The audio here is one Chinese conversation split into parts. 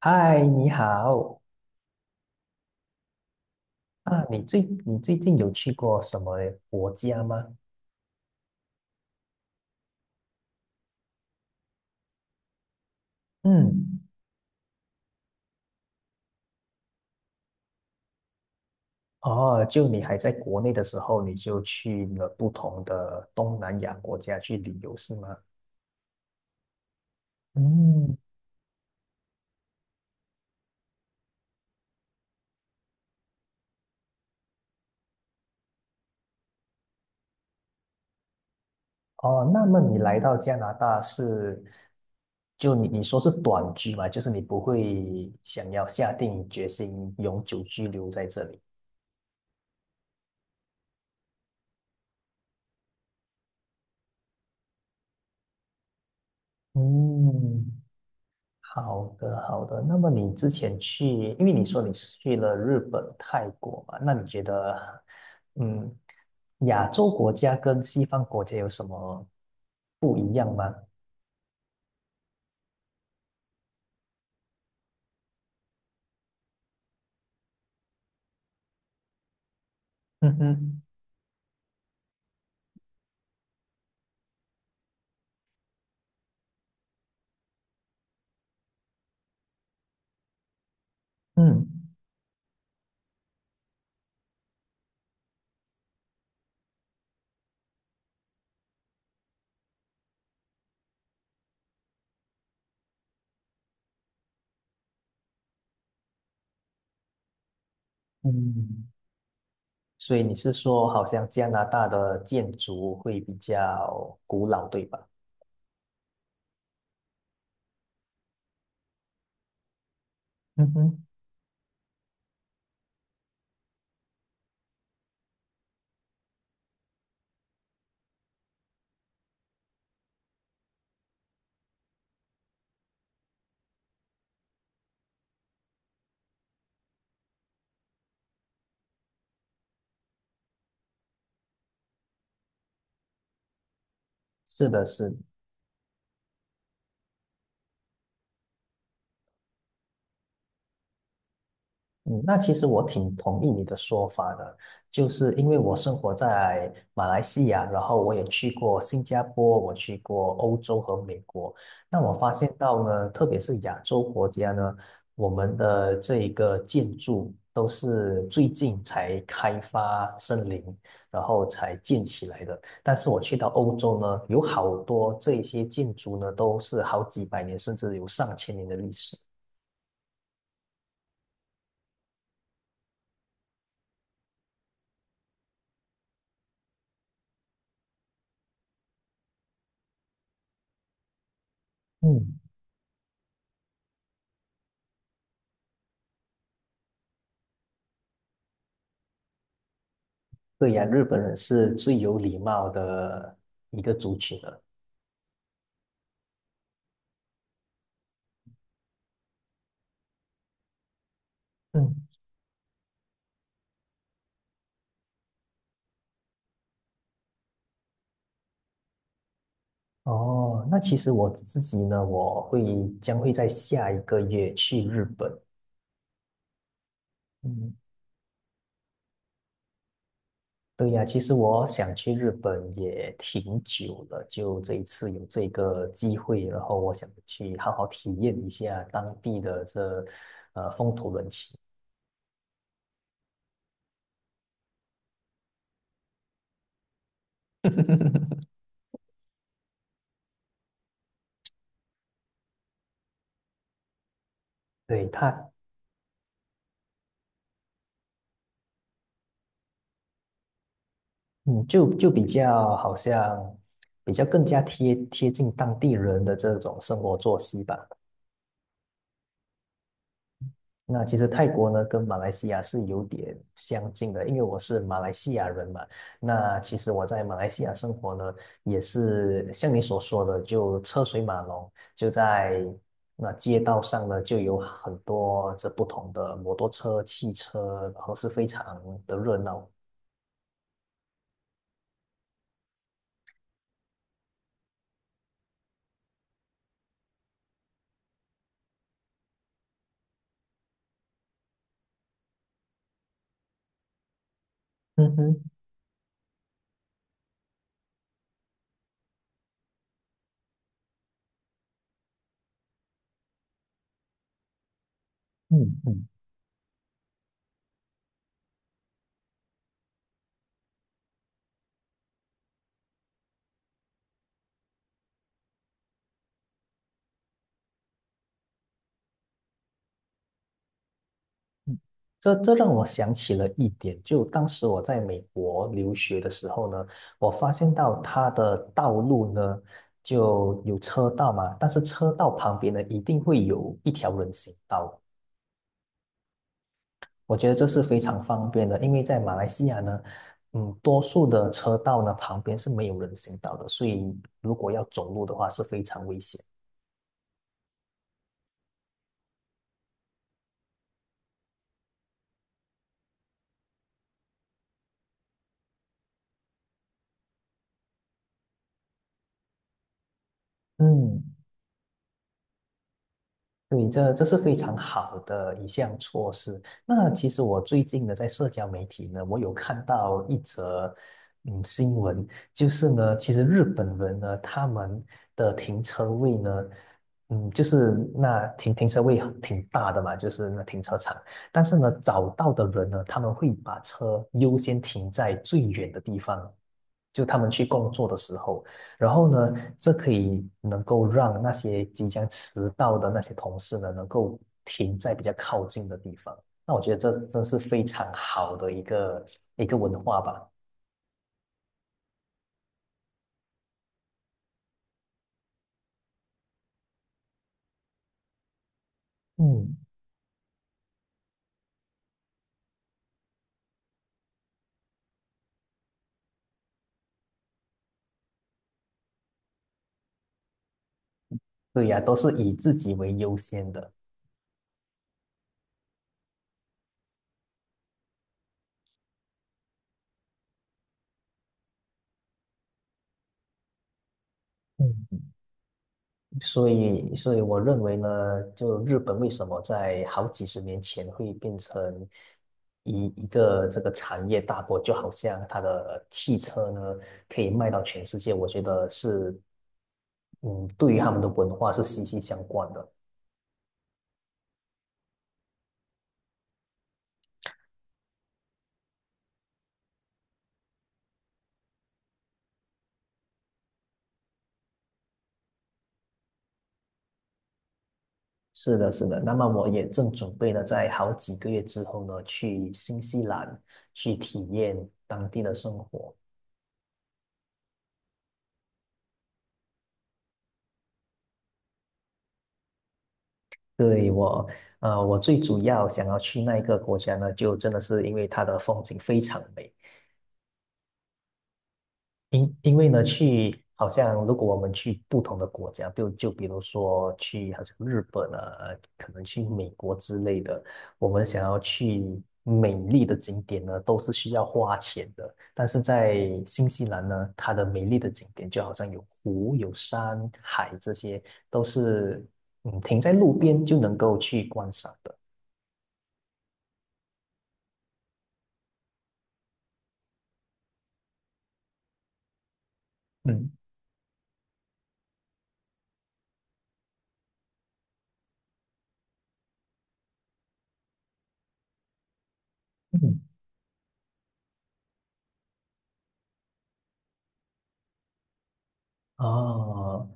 嗨，你好啊！你最近有去过什么国家吗？嗯，哦，就你还在国内的时候，你就去了不同的东南亚国家去旅游，是吗？嗯，哦，那么你来到加拿大是，就你说是短居嘛，就是你不会想要下定决心永久居留在这里。嗯。好的，好的。那么你之前去，因为你说你是去了日本、泰国嘛，那你觉得，嗯，亚洲国家跟西方国家有什么不一样吗？嗯哼，嗯嗯。所以你是说，好像加拿大的建筑会比较古老，对吧？嗯哼，是的，是的。嗯，那其实我挺同意你的说法的，就是因为我生活在马来西亚，然后我也去过新加坡，我去过欧洲和美国。那我发现到呢，特别是亚洲国家呢，我们的这一个建筑都是最近才开发森林，然后才建起来的。但是我去到欧洲呢，有好多这一些建筑呢，都是好几百年甚至有上千年的历史。嗯，对呀，日本人是最有礼貌的一个族群了。嗯，哦，那其实我自己呢，我会将会在下一个月去日本。嗯，对呀，其实我想去日本也挺久了，就这一次有这个机会，然后我想去好好体验一下当地的这风土人情。对，它，嗯，就就比较好像比较更加贴近当地人的这种生活作息吧。那其实泰国呢跟马来西亚是有点相近的，因为我是马来西亚人嘛。那其实我在马来西亚生活呢，也是像你所说的，就车水马龙，就在那街道上呢，就有很多这不同的摩托车、汽车，然后是非常的热闹。嗯哼，嗯嗯。这这让我想起了一点，就当时我在美国留学的时候呢，我发现到它的道路呢就有车道嘛，但是车道旁边呢一定会有一条人行道，我觉得这是非常方便的，因为在马来西亚呢，嗯，多数的车道呢旁边是没有人行道的，所以如果要走路的话是非常危险。嗯。对，这这是非常好的一项措施。那其实我最近呢，在社交媒体呢，我有看到一则嗯新闻，就是呢，其实日本人呢，他们的停车位呢，嗯，就是那停车位挺大的嘛，就是那停车场，但是呢，找到的人呢，他们会把车优先停在最远的地方，就他们去工作的时候。然后呢，这可以能够让那些即将迟到的那些同事呢，能够停在比较靠近的地方。那我觉得这真是非常好的一个文化吧。嗯，对呀，都是以自己为优先的。嗯，所以，所以我认为呢，就日本为什么在好几十年前会变成一个这个产业大国，就好像它的汽车呢可以卖到全世界，我觉得是嗯，对于他们的文化是息息相关的。是的，是的。那么我也正准备呢，在好几个月之后呢，去新西兰去体验当地的生活。对，我，我最主要想要去那一个国家呢，就真的是因为它的风景非常美，因因为呢，去好像如果我们去不同的国家，就比如说去好像日本啊，可能去美国之类的，我们想要去美丽的景点呢，都是需要花钱的。但是在新西兰呢，它的美丽的景点就好像有湖、有山、海这些，都是嗯停在路边就能够去观赏的。嗯嗯，哦，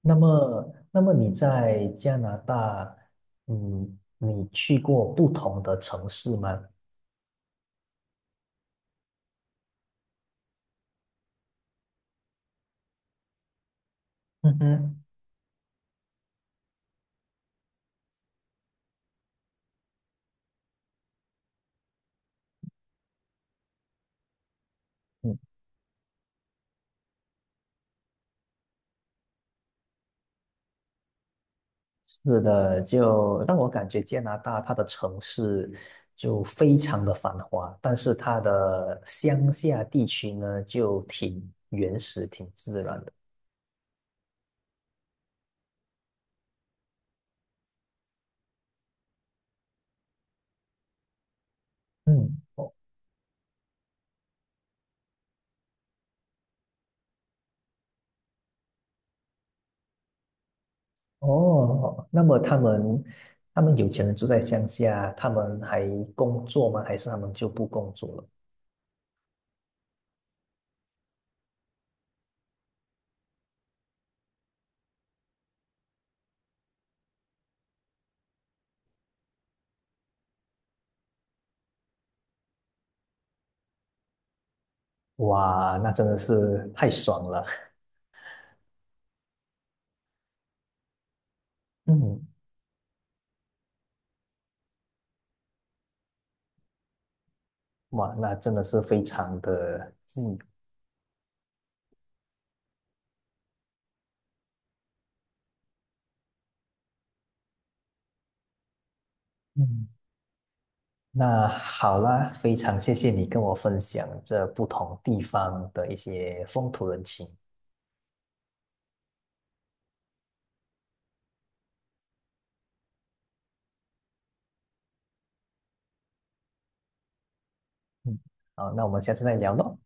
那么，那么你在加拿大，嗯，你去过不同的城市吗？嗯哼，嗯，是的，就让我感觉加拿大它的城市就非常的繁华，但是它的乡下地区呢就挺原始、挺自然的。嗯，哦，哦，那么他们他们有钱人住在乡下，他们还工作吗？还是他们就不工作了？哇，那真的是太爽了！嗯，哇，那真的是非常的近。嗯，那好啦，非常谢谢你跟我分享这不同地方的一些风土人情。嗯，好，那我们下次再聊喽。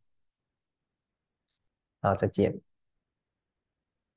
好，再见。